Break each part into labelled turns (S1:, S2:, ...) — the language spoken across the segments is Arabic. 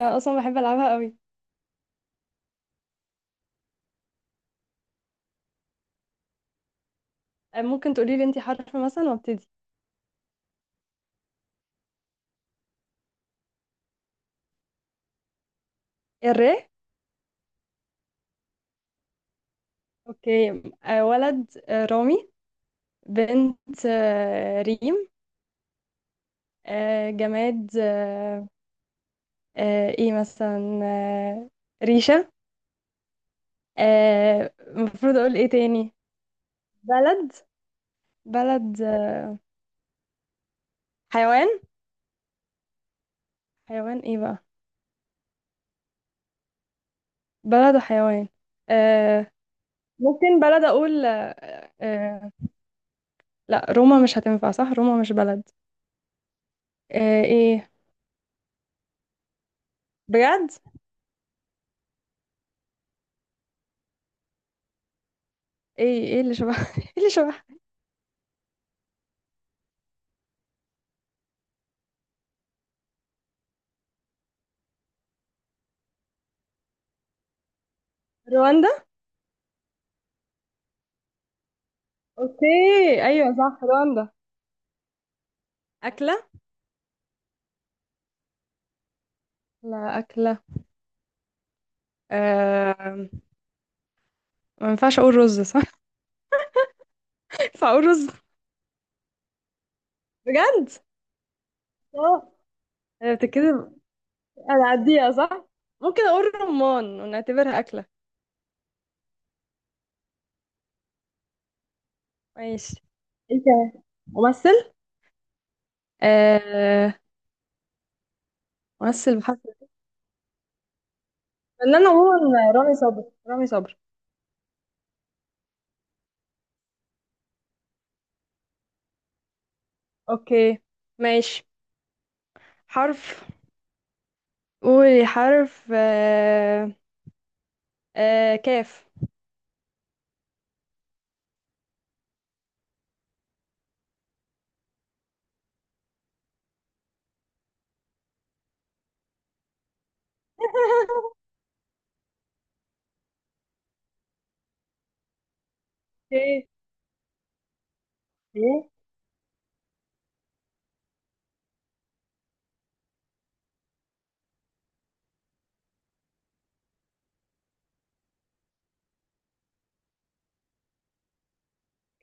S1: أنا اصلا بحب العبها قوي. ممكن تقولي لي انتي حرف مثلا وابتدي. الر. اوكي. ولد رامي. بنت ريم. جماد ايه مثلا ريشة. المفروض اقول ايه تاني؟ بلد. بلد، حيوان. حيوان، ايه بقى؟ بلد وحيوان. آه، ممكن بلد اقول. آه، لا، روما مش هتنفع، صح، روما مش بلد. ايه؟ بجد. ايه اللي شبه ايه اللي شبه. رواندا. اوكي. ايوه صح، رواندا. اكله. لا، اكله. آه... ما ينفعش اقول رز، صح؟ ينفع اقول رز. بجد. اه. أنا بتتكلم. انا عديها صح. ممكن اقول رمان ونعتبرها اكله. ماشي. انت. ممثل. آه... ممثل بحرف. فنان عموما، رامي صبري، رامي صبري. اوكي. ماشي. حرف. قولي حرف كاف. اوكي. إيه؟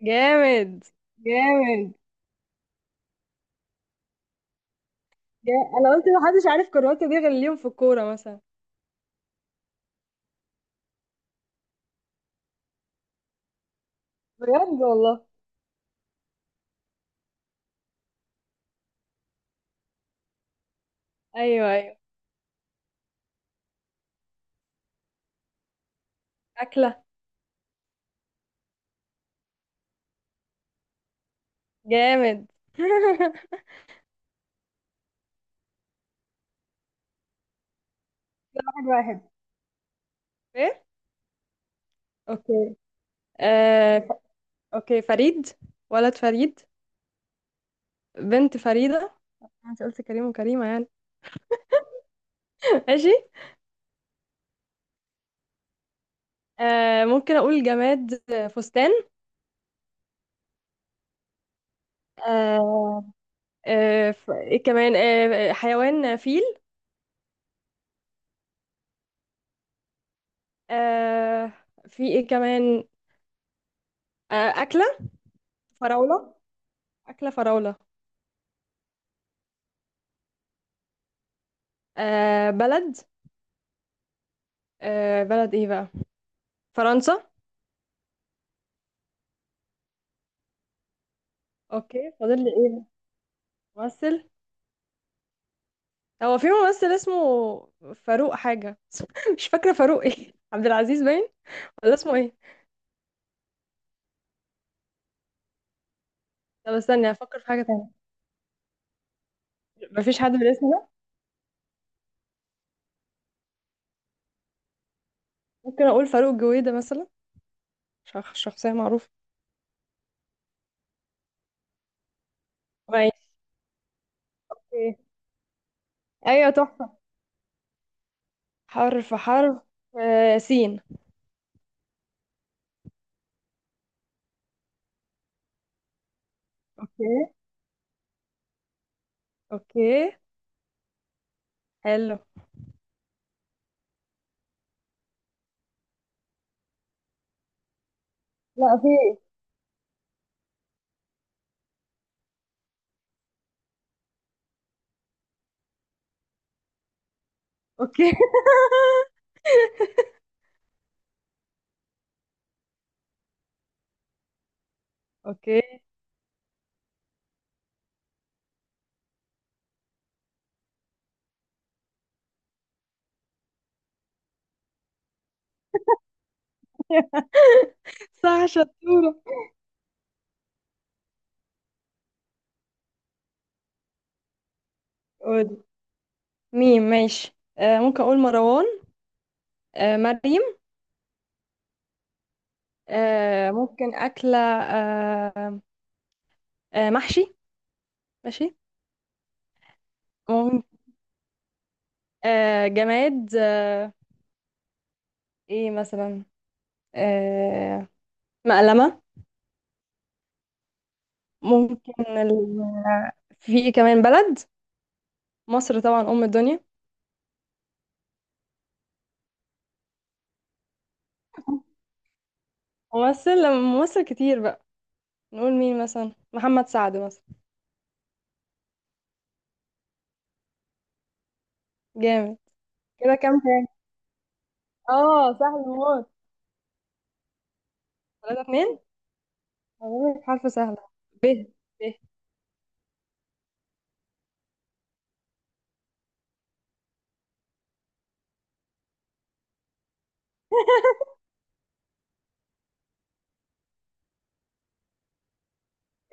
S1: جامد. جامد. جا- انا قلت محدش عارف كرواتة دي غير اليوم في الكورة مثلا. بجد والله. ايوه، ايوه. اكلة. جامد. واحد واحد. ايه. اوكي. آه... ف- اوكي، فريد. ولد فريد. بنت فريدة. انت قلت كريم وكريمة يعني. ماشي. ممكن اقول جماد فستان. آه... ايه كمان حيوان فيل. آه... في ايه كمان؟ آه... أكلة. فراولة. أكلة فراولة. بلد. بلد، ايه بقى؟ فرنسا. اوكي، فاضل لي ايه؟ ممثل. هو في ممثل اسمه. فاروق حاجة مش فاكرة فاروق ايه عبد العزيز باين. ولا اسمه ايه؟ طب استني افكر في حاجة تانية. مفيش حد بالاسم ده. ممكن اقول فاروق جويدة مثلا. شخصية معروفة. ماشي. أوكي. ايوه، تحفة. حرف. سين. اوكي. اوكي حلو. لا، في إيه؟ اوكي. اوكي. صح، شطورة. قول. ميم، ماشي. ممكن اقول مروان. مريم. ممكن اكله محشي. ماشي. ممكن. جماد ايه مثلا؟ آه مقلمه. ممكن في كمان بلد. مصر طبعا، ام الدنيا. ممثل، لما ممثل كتير بقى. نقول مين مثلا، محمد سعد مثلا. جامد. كده كام تاني؟ اه، سهل موت. ثلاثة اتنين. هقول لك حرف سهلة. ب. ب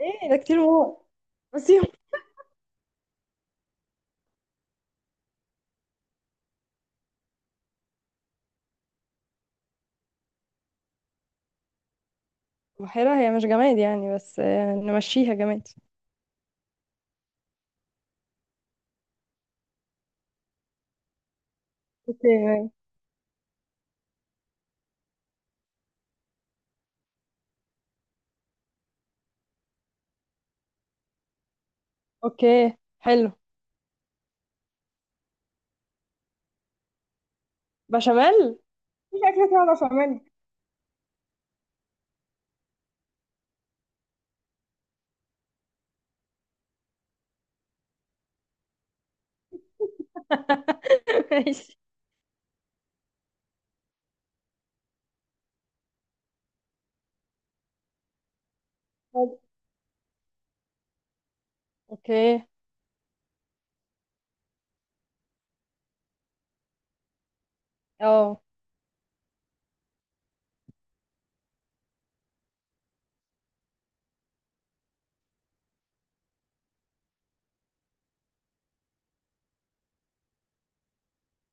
S1: ايه ده، كتير موت. نسيهم. بحيرة هي مش جماد يعني بس نمشيها جماد. اوكي، ماشي. اوكي حلو. بشاميل. مفيش أكلة اسمها بشاميل. ماشي. حلو. اوكي. اه.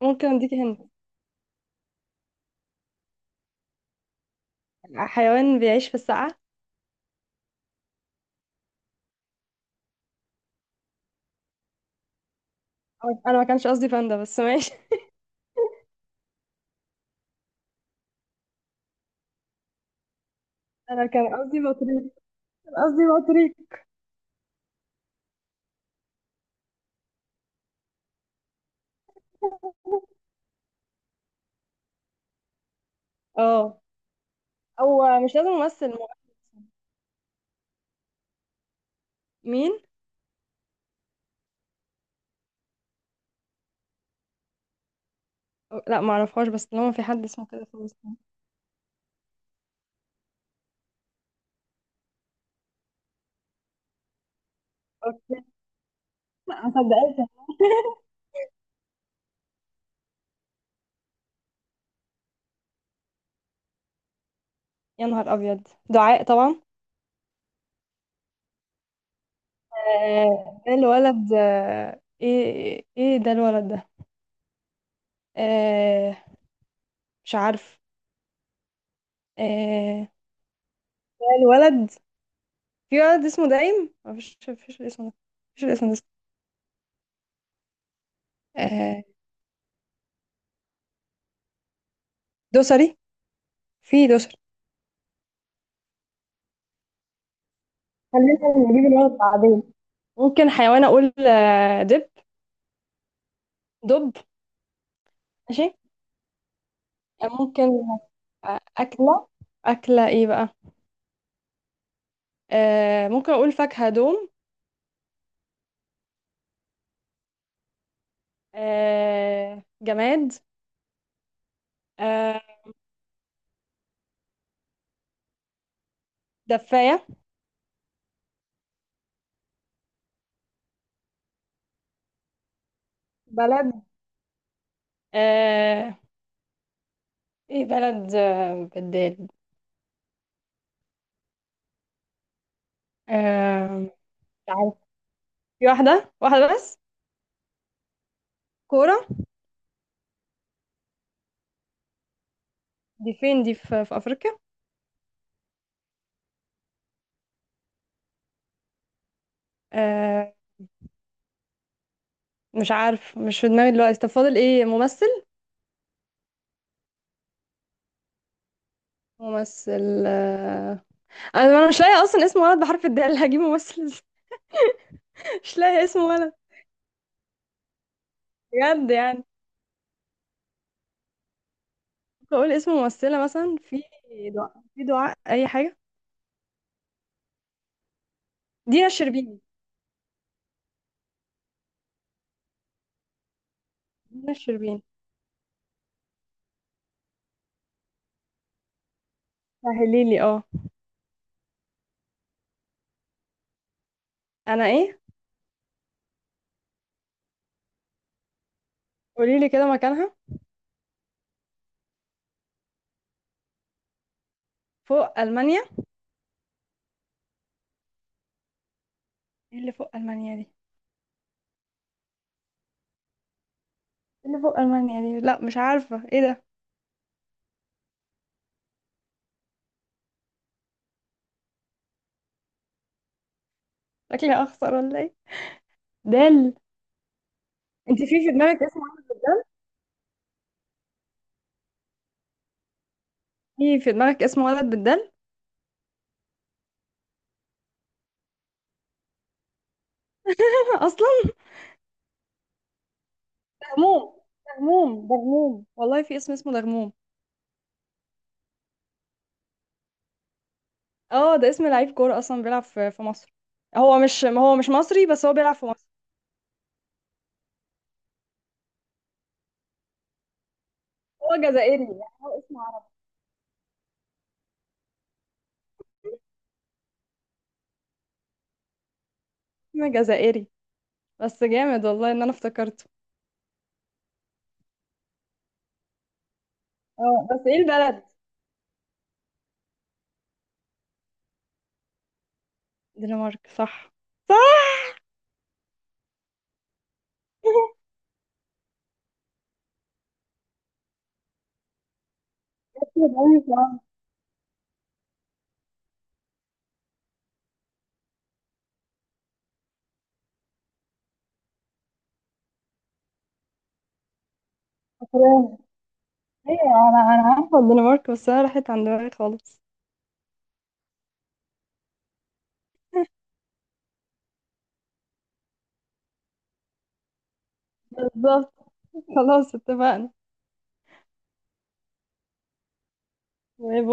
S1: ممكن اديك هنا. حيوان بيعيش في السقعة. انا ما كانش قصدي باندا، بس ماشي. أنا كان قصدي بطريق. كان قصدي بطريق. اه. او مش لازم ممثل، مغني. مين؟ لا، ما اعرفهاش، بس طالما في حد اسمه كده، خلاص. أوكي. لا، ما صدقتش. يا نهار ابيض، دعاء طبعا. ده الولد ايه ده الولد ده. آه، مش عارف. آه، ده الولد. في ولد اسمه دايم؟ مفيش الاسم ده. مفيش الاسم ده. آه، دوسري. في دوسري. خلينا نجيب الولد بعدين. ممكن حيوان اقول دب. دب. ماشي. ممكن. اكله. اكله ايه بقى؟ ممكن اقول فاكهه دوم. جماد آه، دفايه. بلد. آه... ايه بلد بدال. آه... مش عارفة. في واحدة، واحدة بس. كورة. دي فين؟ دي في أفريقيا؟ آه... مش عارف، مش في دماغي دلوقتي. طب فاضل ايه؟ ممثل. ممثل أنا مش لاقية اصلا اسم ولد بحرف الدال. هجيب ممثل إزاي؟ مش لاقية اسم ولد. بجد يعني. ممكن اقول اسم ممثلة مثلا في. دعاء، في دعاء اي حاجة. دينا الشربيني. دينا الشربيني. سهليلي اه. انا ايه؟ قوليلي كده مكانها. فوق ألمانيا. ايه اللي فوق المانيا دي؟ ايه اللي فوق المانيا دي؟ لا، مش عارفه ايه ده. شكلي اخسر ولا ايه؟ دال. انت في دماغك اسم. في دماغك اسم ولد بالدال. اصلا. غموم. غموم ده، غموم والله، في اسم اسمه ده غموم؟ اه، ده اسم لعيب كوره، اصلا بيلعب في مصر. هو مش مصري، بس هو بيلعب في مصر. هو جزائري، يعني هو اسمه عربي. اسمه جزائري. بس جامد والله ان انا افتكرته. اه بس ايه البلد؟ دنمارك، صح؟ صح. ايوه. انا عارفه الدنمارك، بس انا راحت عن دماغي خالص. بالظبط. خلاص، اتفقنا. باي باي.